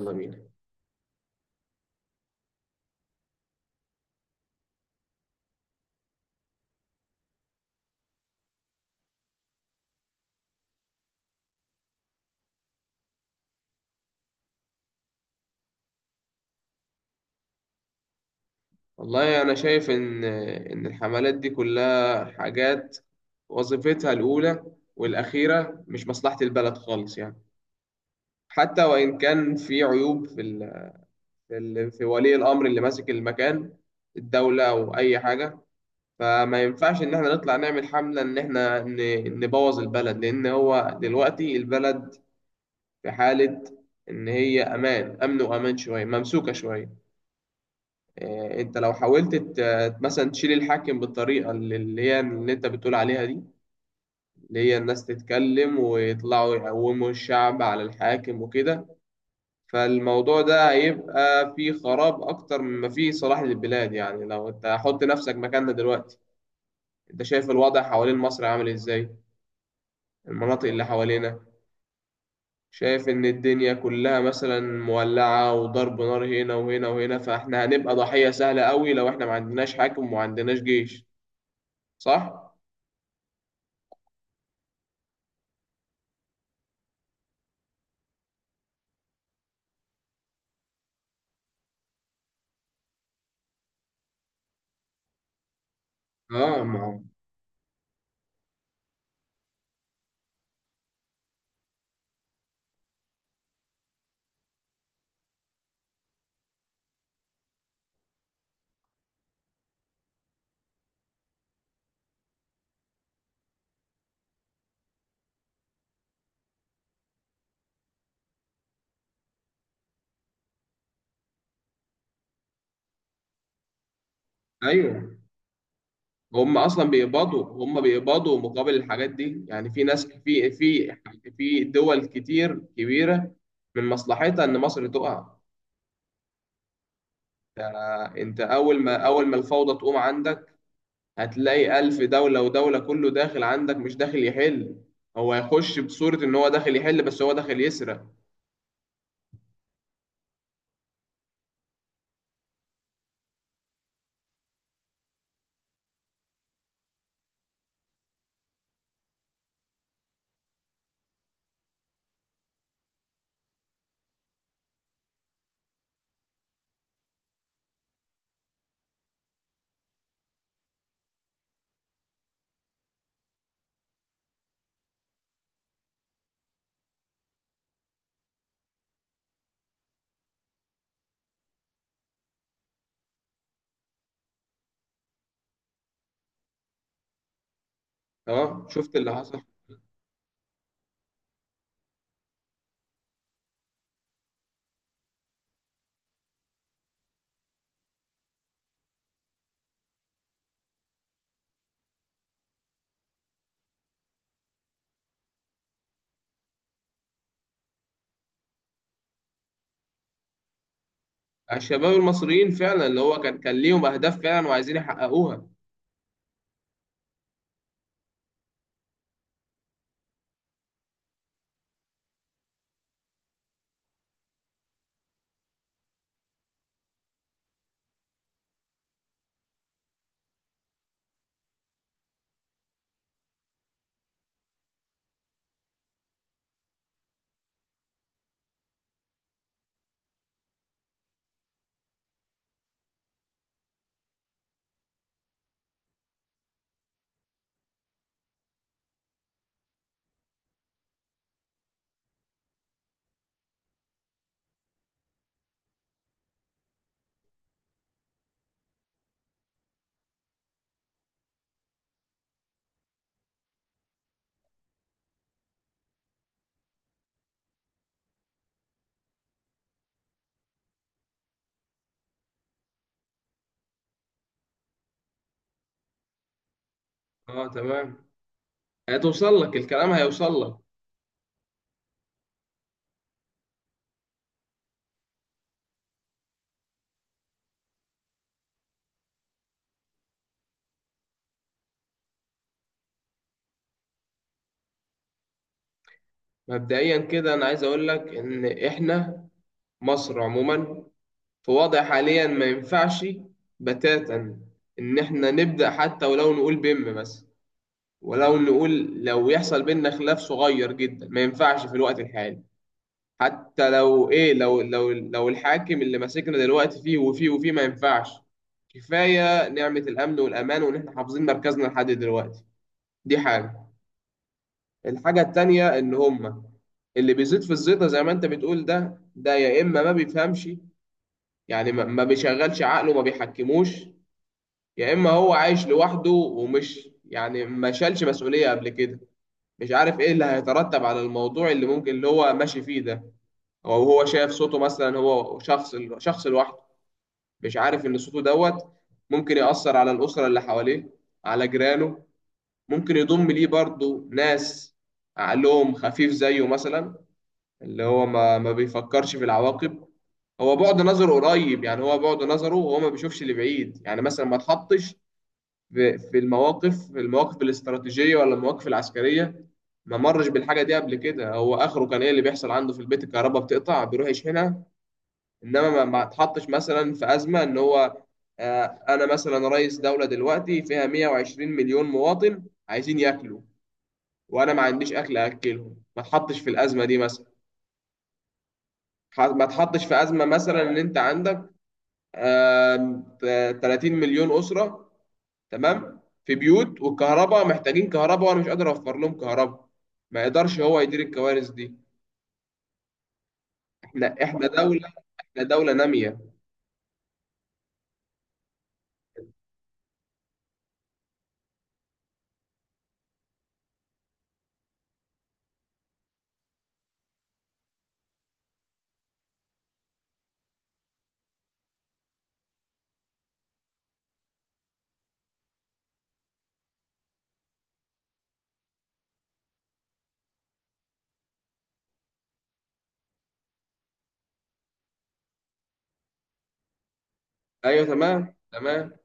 يلا بينا. والله أنا شايف إن الحملات دي كلها حاجات وظيفتها الأولى والأخيرة مش مصلحة البلد خالص يعني، حتى وإن كان في عيوب في ولي الأمر اللي ماسك المكان، الدولة أو أي حاجة، فما ينفعش إن إحنا نطلع نعمل حملة إن إحنا نبوظ البلد، لأن هو دلوقتي البلد في حالة إن هي أمن وأمان، شوية ممسوكة شوية. انت لو حاولت مثلا تشيل الحاكم بالطريقه اللي هي اللي انت بتقول عليها دي، اللي هي الناس تتكلم ويطلعوا يقوموا الشعب على الحاكم وكده، فالموضوع ده هيبقى فيه خراب اكتر مما فيه صلاح للبلاد. يعني لو انت حط نفسك مكاننا دلوقتي، انت شايف الوضع حوالين مصر عامل ازاي، المناطق اللي حوالينا، شايف ان الدنيا كلها مثلا مولعة وضرب نار هنا وهنا وهنا، فاحنا هنبقى ضحية سهلة قوي لو احنا ما عندناش حاكم وما عندناش جيش. صح. اه، ما هو. ايوه. هم بيقبضوا مقابل الحاجات دي، يعني في ناس، في دول كتير كبيره من مصلحتها ان مصر تقع. ده انت اول ما الفوضى تقوم عندك هتلاقي الف دوله ودوله كله داخل عندك، مش داخل يحل، هو هيخش بصوره ان هو داخل يحل بس هو داخل يسرق. اه، شفت اللي حصل. الشباب المصريين فعلا اللي هو كان ليهم اهداف فعلا وعايزين يحققوها. اه تمام. هتوصل لك، الكلام هيوصل لك. مبدئيا كده انا عايز اقول لك ان احنا مصر عموما في وضع حاليا ما ينفعش بتاتا ان احنا نبدا، حتى ولو نقول بس، ولو نقول، لو يحصل بينا خلاف صغير جدا ما ينفعش في الوقت الحالي. حتى لو ايه، لو الحاكم اللي ماسكنا دلوقتي فيه وفيه وفيه ما ينفعش. كفايه نعمه الامن والامان وان احنا حافظين مركزنا لحد دلوقتي. دي حاجه. الحاجه التانيه ان هم اللي بيزيد في الزيطه زي ما انت بتقول ده يا اما ما بيفهمش، يعني ما بيشغلش عقله ما بيحكموش، يا اما هو عايش لوحده ومش يعني ما شالش مسؤوليه قبل كده، مش عارف ايه اللي هيترتب على الموضوع اللي ممكن اللي هو ماشي فيه ده، او هو شايف صوته مثلا هو شخص لوحده، مش عارف ان صوته دوت ممكن يأثر على الاسره اللي حواليه، على جيرانه، ممكن يضم ليه برضه ناس عقلهم خفيف زيه مثلا، اللي هو ما بيفكرش في العواقب. هو بعد نظره قريب، يعني هو بعد نظره وهو ما بيشوفش اللي بعيد، يعني مثلا ما تحطش في المواقف الاستراتيجية ولا المواقف العسكرية، ما مرش بالحاجة دي قبل كده. هو آخره كان إيه اللي بيحصل عنده في البيت؟ الكهرباء بتقطع بيروح يشحنها. إنما ما تحطش مثلا في أزمة إن هو، آه، أنا مثلا رئيس دولة دلوقتي فيها 120 مليون مواطن عايزين ياكلوا وأنا ما عنديش أكل أكلهم، ما تحطش في الأزمة دي مثلا. ما تحطش في أزمة مثلا إن أنت عندك 30 مليون أسرة تمام، في بيوت والكهرباء، محتاجين كهرباء وأنا مش قادر أوفر لهم كهرباء. ما يقدرش هو يدير الكوارث دي. احنا دولة نامية. ايوه تمام تمام.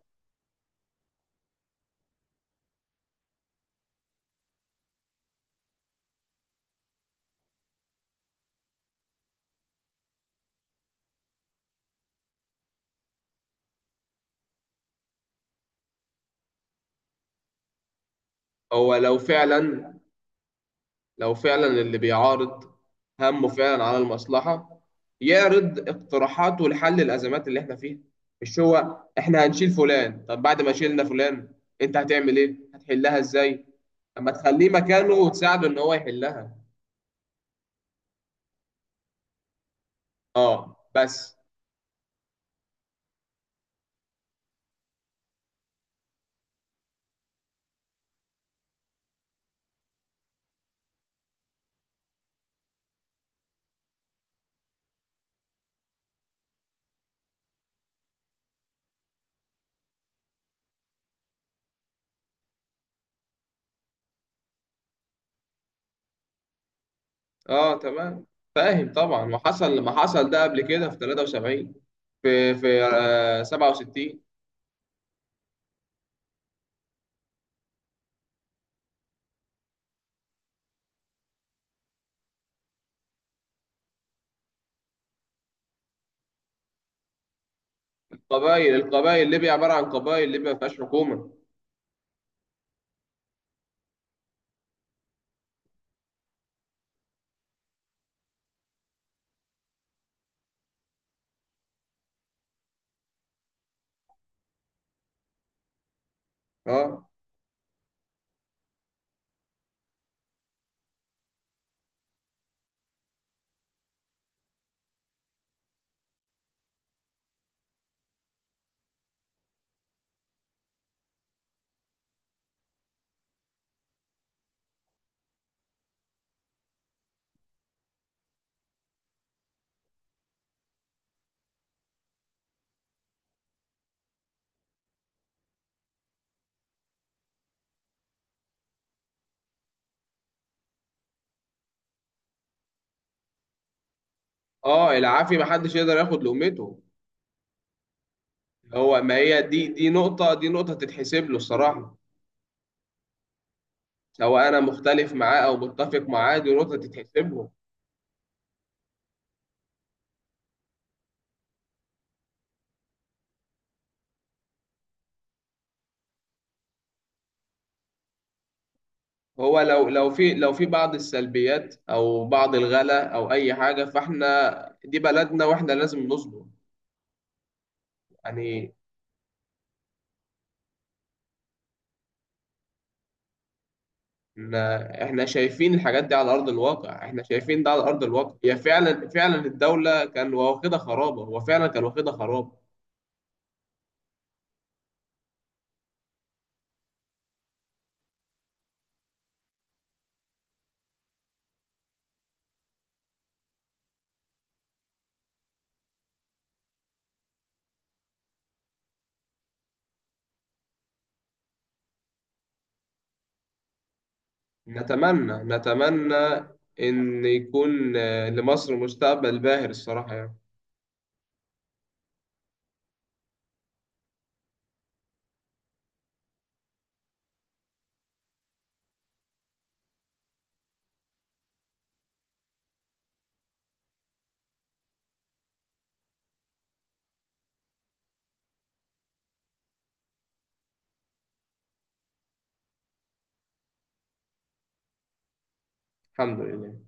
هو لو فعلا اللي بيعارض همه فعلا على المصلحة، يعرض اقتراحاته لحل الأزمات اللي احنا فيها. مش هو احنا هنشيل فلان، طب بعد ما شيلنا فلان انت هتعمل ايه؟ هتحلها ازاي؟ اما تخليه مكانه وتساعده ان هو يحلها. اه بس. اه تمام. فاهم طبعا ما حصل ده قبل كده في 73، في في آه 67. القبائل ليبيا عباره عن قبائل، ليبيا ما فيهاش حكومه. اه. اه، العافي ما حدش يقدر ياخد لقمته. هو ما هي دي نقطه تتحسب له الصراحه، سواء انا مختلف معاه او متفق معاه دي نقطه تتحسب له. هو لو في بعض السلبيات او بعض الغلا او اي حاجه فاحنا دي بلدنا واحنا لازم نصبر يعني احنا شايفين الحاجات دي على ارض الواقع، احنا شايفين ده على ارض الواقع، هي فعلا فعلا الدوله كان واخدها خرابه، هو فعلا كان واخدها خرابه. نتمنى ان يكون لمصر مستقبل باهر الصراحه يعني. الحمد لله.